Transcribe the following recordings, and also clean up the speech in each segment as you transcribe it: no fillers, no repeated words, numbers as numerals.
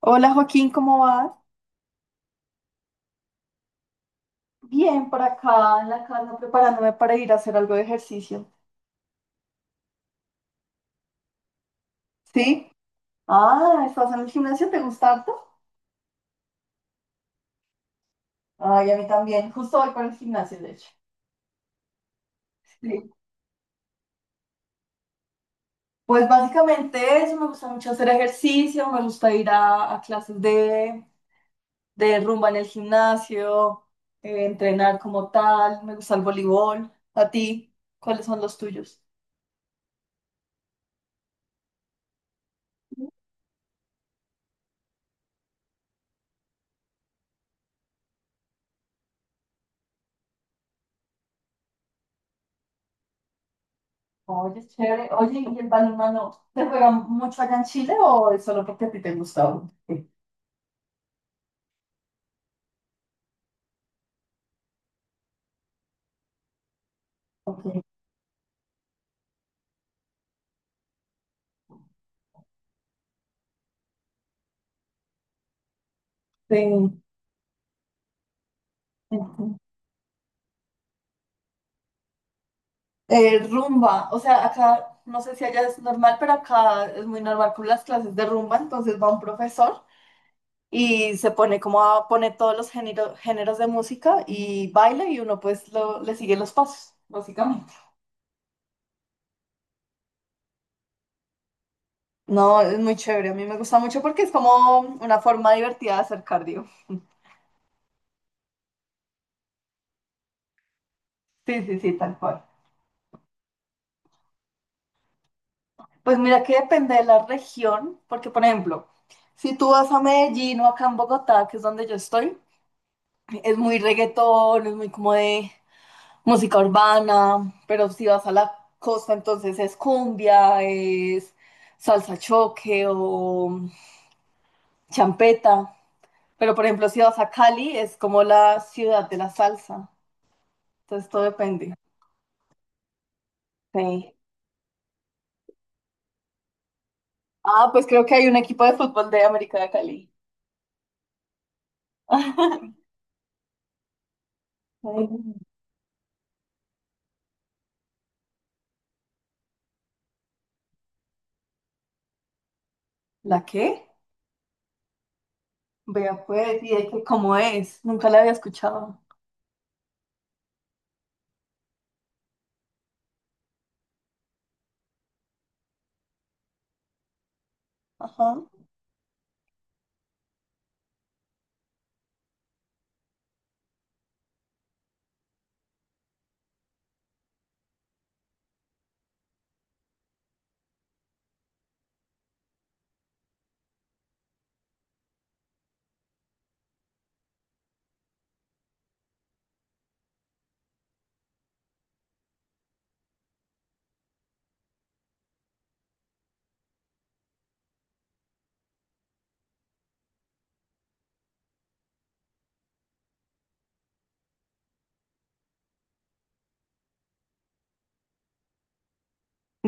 Hola Joaquín, ¿cómo vas? Bien, por acá en la casa preparándome para ir a hacer algo de ejercicio. ¿Sí? Ah, ¿estás en el gimnasio? ¿Te gusta harto? Ay, a mí también. Justo voy para el gimnasio, de hecho. Sí. Pues básicamente eso, me gusta mucho hacer ejercicio, me gusta ir a clases de rumba en el gimnasio, entrenar como tal, me gusta el voleibol. ¿A ti? ¿Cuáles son los tuyos? Oye, chévere. Oye, ¿y el balonmano se juega mucho allá en Chile o es solo porque a ti te gusta? Sí. Ok. Sí. Ujú. Rumba, o sea, acá no sé si allá es normal, pero acá es muy normal con las clases de rumba, entonces va un profesor y se pone como a poner todos los géneros de música y baila y uno pues le sigue los pasos, básicamente. No, es muy chévere, a mí me gusta mucho porque es como una forma divertida de hacer cardio. Sí, sí, sí, tal cual. Pues mira que depende de la región, porque por ejemplo, si tú vas a Medellín o acá en Bogotá, que es donde yo estoy, es muy reggaetón, es muy como de música urbana, pero si vas a la costa, entonces es cumbia, es salsa choque o champeta. Pero por ejemplo, si vas a Cali, es como la ciudad de la salsa. Entonces todo depende. Sí. Ah, pues creo que hay un equipo de fútbol de América de Cali. Sí. ¿La qué? Vea pues, y de que cómo es, nunca la había escuchado. Ajá.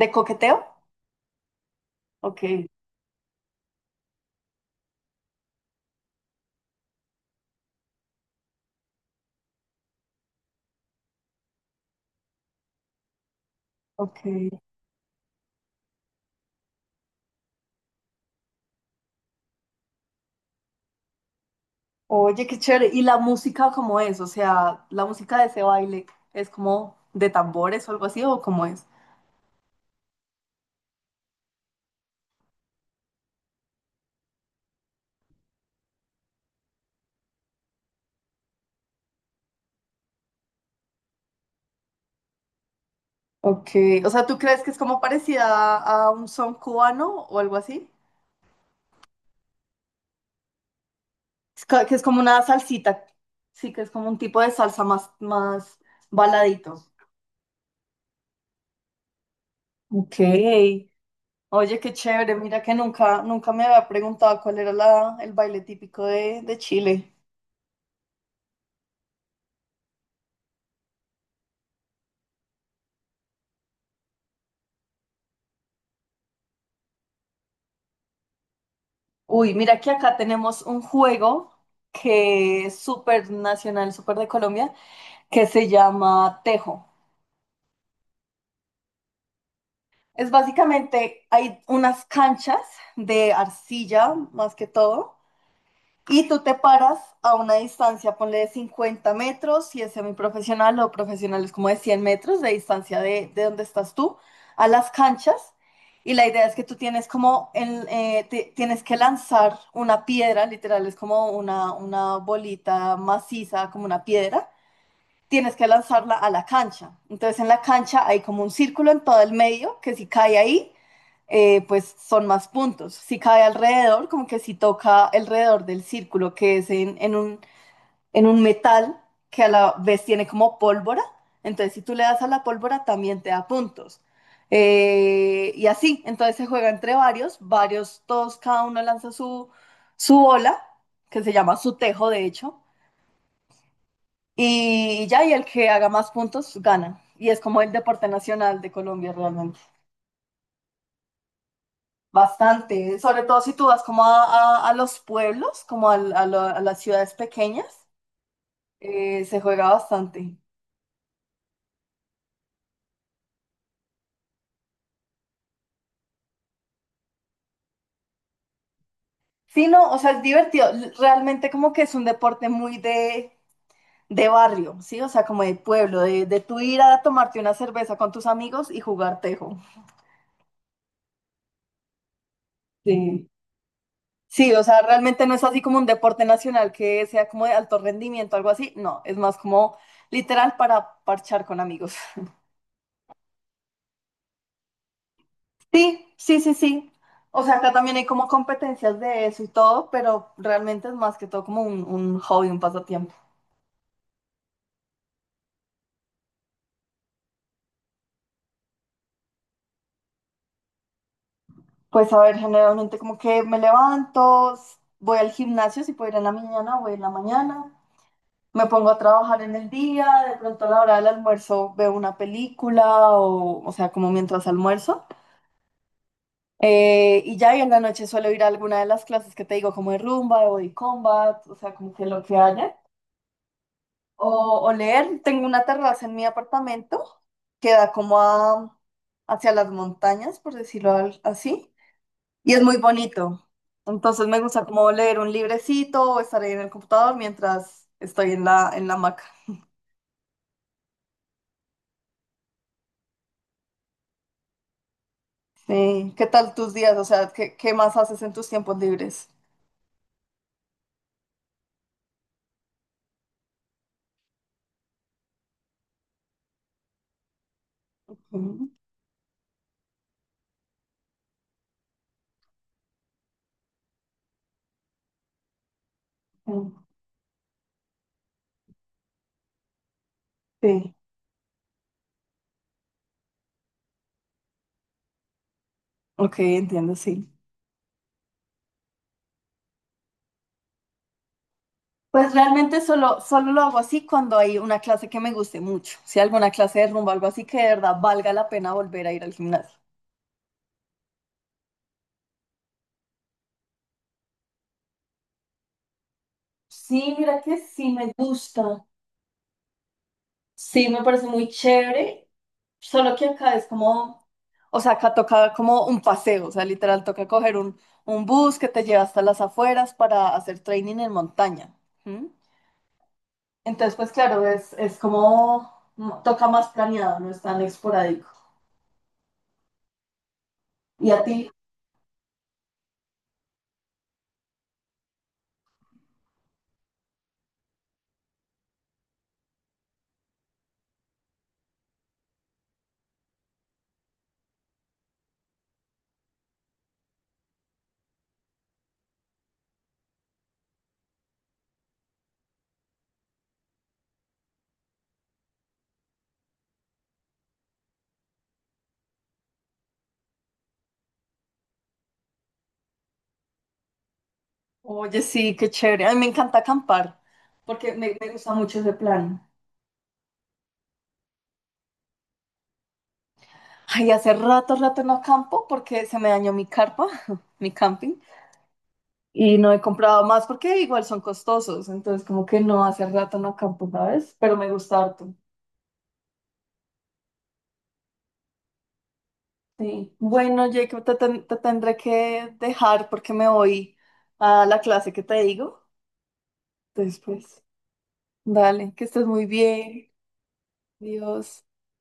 ¿De coqueteo? Ok, ok. Oye, qué chévere. ¿Y la música cómo es? O sea, la música de ese baile es como de tambores o algo así, ¿o cómo es? Ok, o sea, ¿tú crees que es como parecida a un son cubano o algo así? Que es como una salsita, sí, que es como un tipo de salsa más, más baladito. Ok. Oye, qué chévere, mira que nunca, nunca me había preguntado cuál era el baile típico de Chile. Uy, mira que acá tenemos un juego que es súper nacional, súper de Colombia, que se llama tejo. Es básicamente, hay unas canchas de arcilla, más que todo. Y tú te paras a una distancia, ponle de 50 metros, si es semiprofesional o profesional es como de 100 metros de distancia de donde estás tú, a las canchas. Y la idea es que tú tienes como, tienes que lanzar una piedra, literal, es como una bolita maciza, como una piedra, tienes que lanzarla a la cancha. Entonces en la cancha hay como un círculo en todo el medio que si cae ahí, pues son más puntos. Si cae alrededor, como que si toca alrededor del círculo que es en un metal que a la vez tiene como pólvora, entonces si tú le das a la pólvora también te da puntos. Y así, entonces se juega entre varios, varios, todos, cada uno lanza su bola, que se llama su tejo de hecho, y ya, y el que haga más puntos gana. Y es como el deporte nacional de Colombia realmente. Bastante. Sobre todo si tú vas como a los pueblos, como a las ciudades pequeñas, se juega bastante. Sí, no, o sea, es divertido. L- Realmente como que es un deporte muy de barrio, ¿sí? O sea, como de pueblo, de tú ir a tomarte una cerveza con tus amigos y jugar tejo. Sí. Sí, o sea, realmente no es así como un deporte nacional que sea como de alto rendimiento, algo así. No, es más como literal para parchar con amigos. Sí, sí, sí, sí. O sea, acá también hay como competencias de eso y todo, pero realmente es más que todo como un hobby, un pasatiempo. Pues a ver, generalmente como que me levanto, s- voy al gimnasio, si puedo ir en la mañana, voy en la mañana, me pongo a trabajar en el día, de pronto a la hora del almuerzo veo una película o sea, como mientras almuerzo. Y ya y en la noche suelo ir a alguna de las clases que te digo, como de rumba, de body combat, o sea, como que lo que haya. O, o leer, tengo una terraza en mi apartamento que da como hacia las montañas, por decirlo así, y es muy bonito. Entonces me gusta como leer un librecito o estar ahí en el computador mientras estoy en la hamaca. Sí. ¿Qué tal tus días? O sea, ¿qué, qué más haces en tus tiempos libres? Mm, mm, Sí, ok, entiendo, sí. Pues realmente solo, solo lo hago así cuando hay una clase que me guste mucho. Si alguna clase de rumba, algo así que de verdad valga la pena volver a ir al gimnasio. Sí, mira que sí me gusta. Sí, me parece muy chévere. Solo que acá es como, o sea, acá toca como un paseo, o sea, literal toca coger un bus que te lleva hasta las afueras para hacer training en montaña. ¿Mm? Entonces, pues claro, es como mm, toca más planeado, no es tan esporádico. ¿Y a ti? Oye, sí, qué chévere. A mí me encanta acampar porque me gusta mucho ese plan. Ay, hace rato, rato no acampo porque se me dañó mi carpa, mi camping, y no he comprado más porque igual son costosos. Entonces, como que no, hace rato no acampo, ¿sabes? Pero me gusta harto. Sí. Bueno, Jacob, te tendré que dejar porque me voy a la clase que te digo. Entonces, pues, dale, que estés muy bien. Dios.